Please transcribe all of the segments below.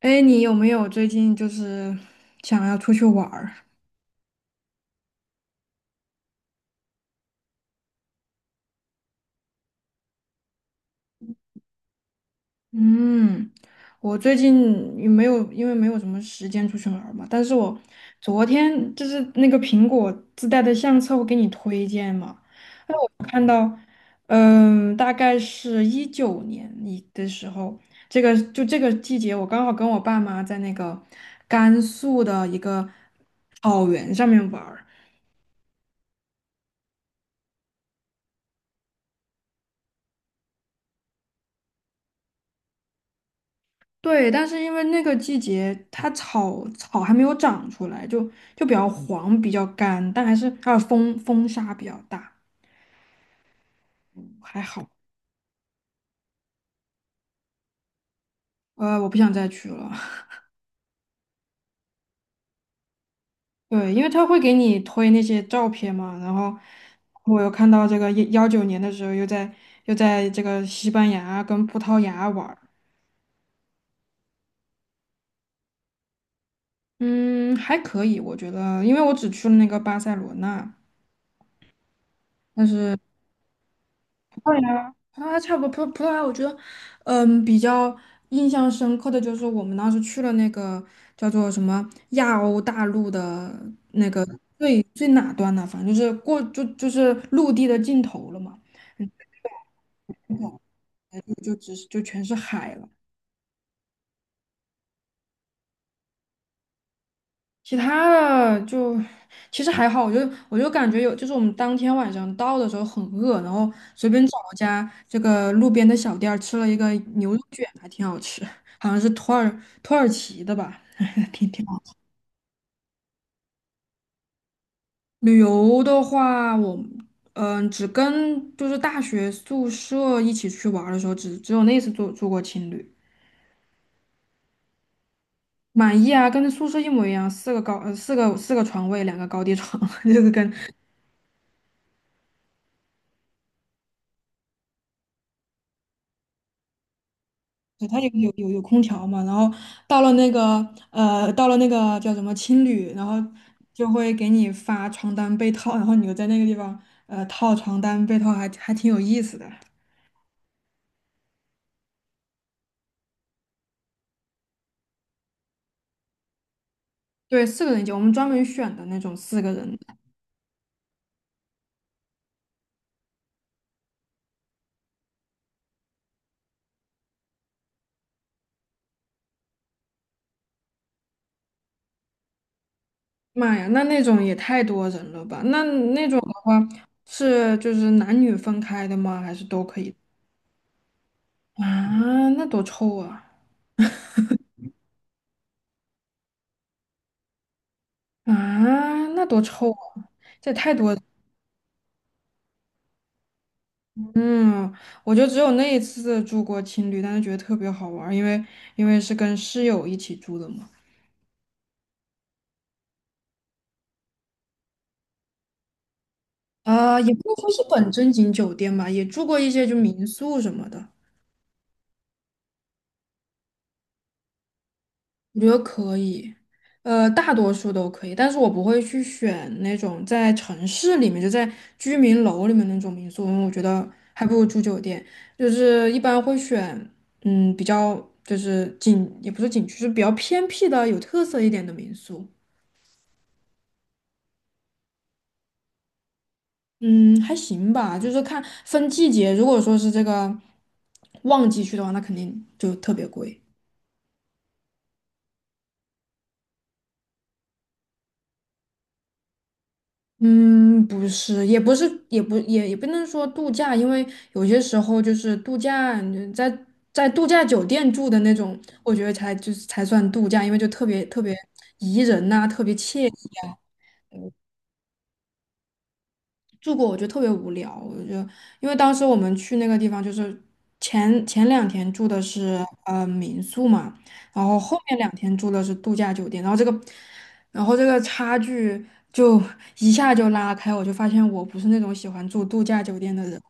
哎，你有没有最近想要出去玩儿？嗯，我最近也没有，因为没有什么时间出去玩儿嘛。但是我昨天那个苹果自带的相册，我给你推荐嘛，看到，嗯，大概是19年一的时候，这个就这个季节，我刚好跟我爸妈在那个甘肃的一个草原上面玩儿。对，但是因为那个季节它草还没有长出来，就比较黄，比较干，但还有风沙比较大，还好。我不想再去了。对，因为他会给你推那些照片嘛，然后我又看到这个19年的时候又在这个西班牙跟葡萄牙玩儿，嗯，还可以，我觉得，因为我只去了那个巴塞罗那。但是。葡萄牙差不多，葡萄牙，我觉得，嗯，比较印象深刻的就是我们当时去了那个叫做什么亚欧大陆的最哪端呢？反正就是陆地的尽头了嘛，就就只是就全是海了。其他的其实还好，我就感觉有，就是我们当天晚上到的时候很饿，然后随便找了家这个路边的小店儿吃了一个牛肉卷，还挺好吃，好像是土耳其的吧，挺挺。旅游的话，我只跟就是大学宿舍一起去玩儿的时候，只有那次住过情侣，满意啊，跟宿舍一模一样，四个床位，两个高低床，就是跟它有空调嘛，然后到了那个叫什么青旅，然后就会给你发床单被套，然后你就在那个地方套床单被套还挺有意思的。对，四个人一间，我们专门选的那种四个人。妈呀，那种也太多人了吧？那那种是就是男女分开的吗？还是都可以？啊，那多臭啊！啊，那多臭啊！这也太多了。嗯，我就只有那一次住过青旅，但是觉得特别好玩儿，因为是跟室友一起住的嘛。啊，也不能说是本正经酒店吧，也住过一些就民宿什么的。我觉得可以，大多数都可以，但是我不会去选那种在城市里面，就在居民楼里面那种民宿，因为我觉得还不如住酒店。就是一般会选，嗯，比较就是景，也不是景区，就是比较偏僻的、有特色一点的民宿。嗯，还行吧，就是看分季节，如果说是这个旺季去的话，那肯定就特别贵。嗯，不是，也不是，也不能说度假，因为有些时候就是度假，嗯在在度假酒店住的那种，我觉得才就是才算度假，因为就特别特别宜人呐、特别惬意。住过，我觉得特别无聊。我就因为当时我们去那个地方，就是前两天住的是民宿嘛，然后后面两天住的是度假酒店，然后这个差距就一下就拉开，我就发现我不是那种喜欢住度假酒店的人。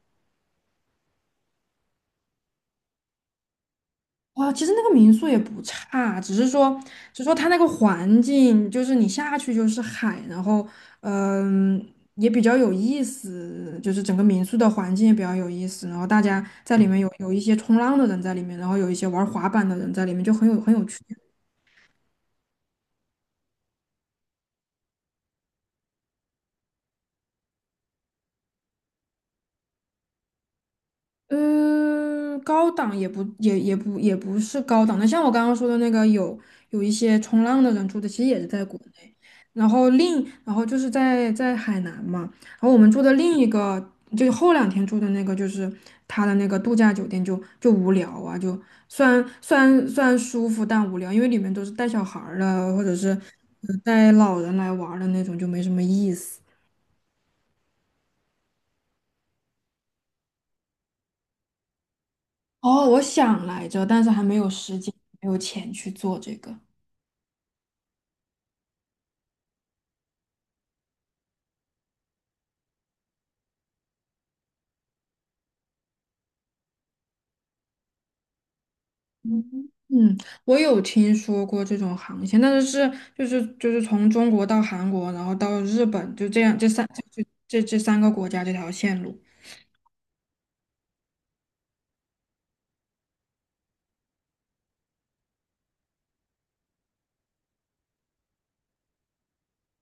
哇，其实那个民宿也不差，只是说它那个环境，就是你下去就是海，然后，嗯，也比较有意思，就是整个民宿的环境也比较有意思，然后大家在里面有一些冲浪的人在里面，然后有一些玩滑板的人在里面，就很有趣。嗯，高档也不是高档的，像我刚刚说的那个有一些冲浪的人住的，其实也是在国内，然后然后就是在在海南嘛，然后我们住的另一个就是后两天住的那个就是他的那个度假酒店就无聊啊，就虽然舒服但无聊，因为里面都是带小孩儿的或者是带老人来玩儿的那种，就没什么意思。哦，我想来着，但是还没有时间，没有钱去做这个。嗯，嗯我有听说过这种航线，但是就是从中国到韩国，然后到日本，就这样这三个国家这条线路。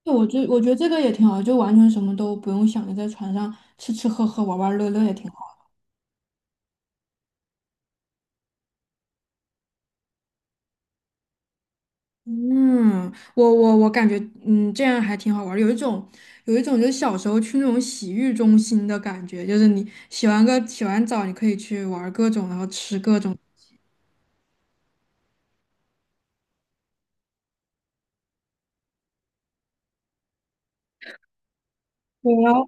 对，我觉得这个也挺好，就完全什么都不用想，就在船上吃吃喝喝玩玩乐乐也挺好。嗯，我感觉嗯这样还挺好玩儿，有一种就是小时候去那种洗浴中心的感觉，就是你洗完澡，你可以去玩儿各种，然后吃各种。对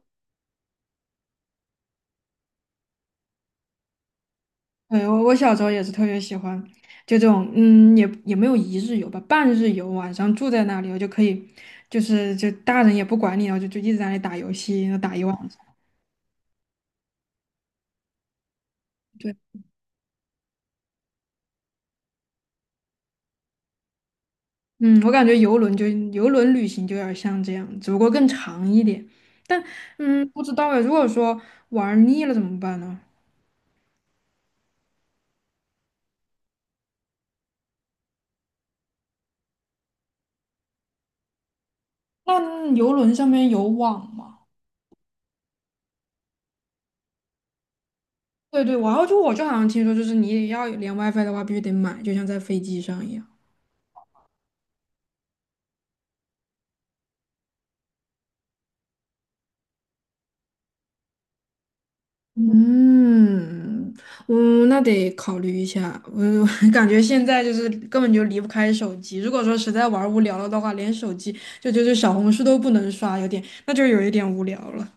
对，我我小时候也是特别喜欢，就这种，嗯，也没有一日游吧，半日游，晚上住在那里，我就可以，就是就大人也不管你，就一直在那里打游戏，然后打一晚上。对，嗯，我感觉游轮旅行就有点像这样，只不过更长一点。但嗯，不知道哎，如果说玩腻了怎么办呢？那游轮上面有网吗？对对，然后就我就好像听说，就是你要连 WiFi 的话，必须得买，就像在飞机上一样。嗯，嗯，那得考虑一下。我 我感觉现在就是根本就离不开手机。如果说实在玩儿无聊了的话，连手机小红书都不能刷，有点，那就有一点无聊了。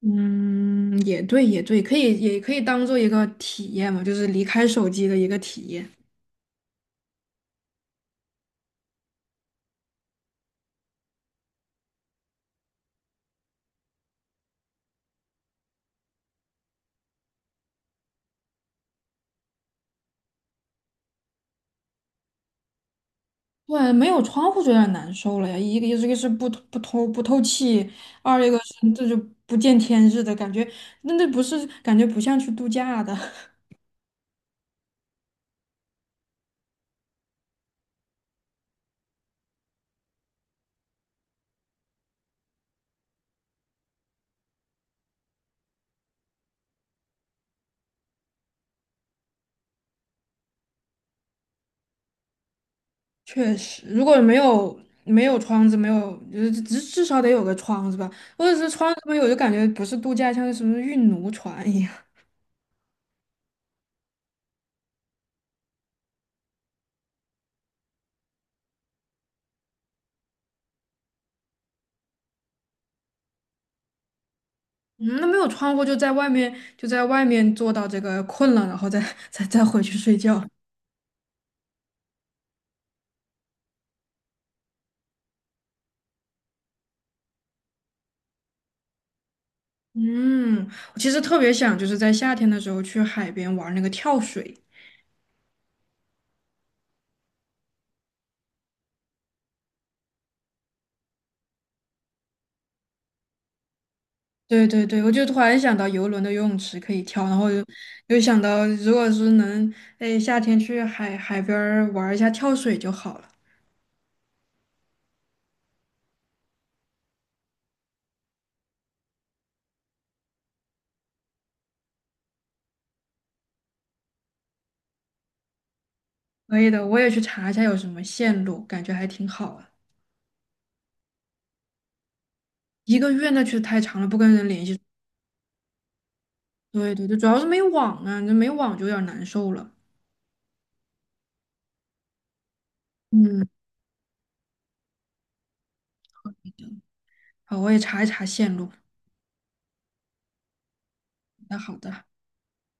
嗯，也对，也对，可以，也可以当做一个体验嘛，就是离开手机的一个体验。对，没有窗户就有点难受了呀。一个是不透气，二一个是这就不见天日的感觉，那那不是感觉不像去度假的。确实，如果没有窗子，没有就是至少得有个窗子吧，或者是窗子没有，就感觉不是度假，像是什么运奴船一样。嗯，那没有窗户就在外面，在外面坐到这个困了，然后再 再回去睡觉。嗯，我其实特别想就是在夏天的时候去海边玩那个跳水。对对对，我就突然想到游轮的游泳池可以跳，然后又想到如果是能，哎，夏天去海边儿玩一下跳水就好了。可以的，我也去查一下有什么线路，感觉还挺好啊。一个月那确实太长了，不跟人联系。对对对，主要是没网啊，这没网就有点难受了。嗯，好，我也查一查线路。那好的。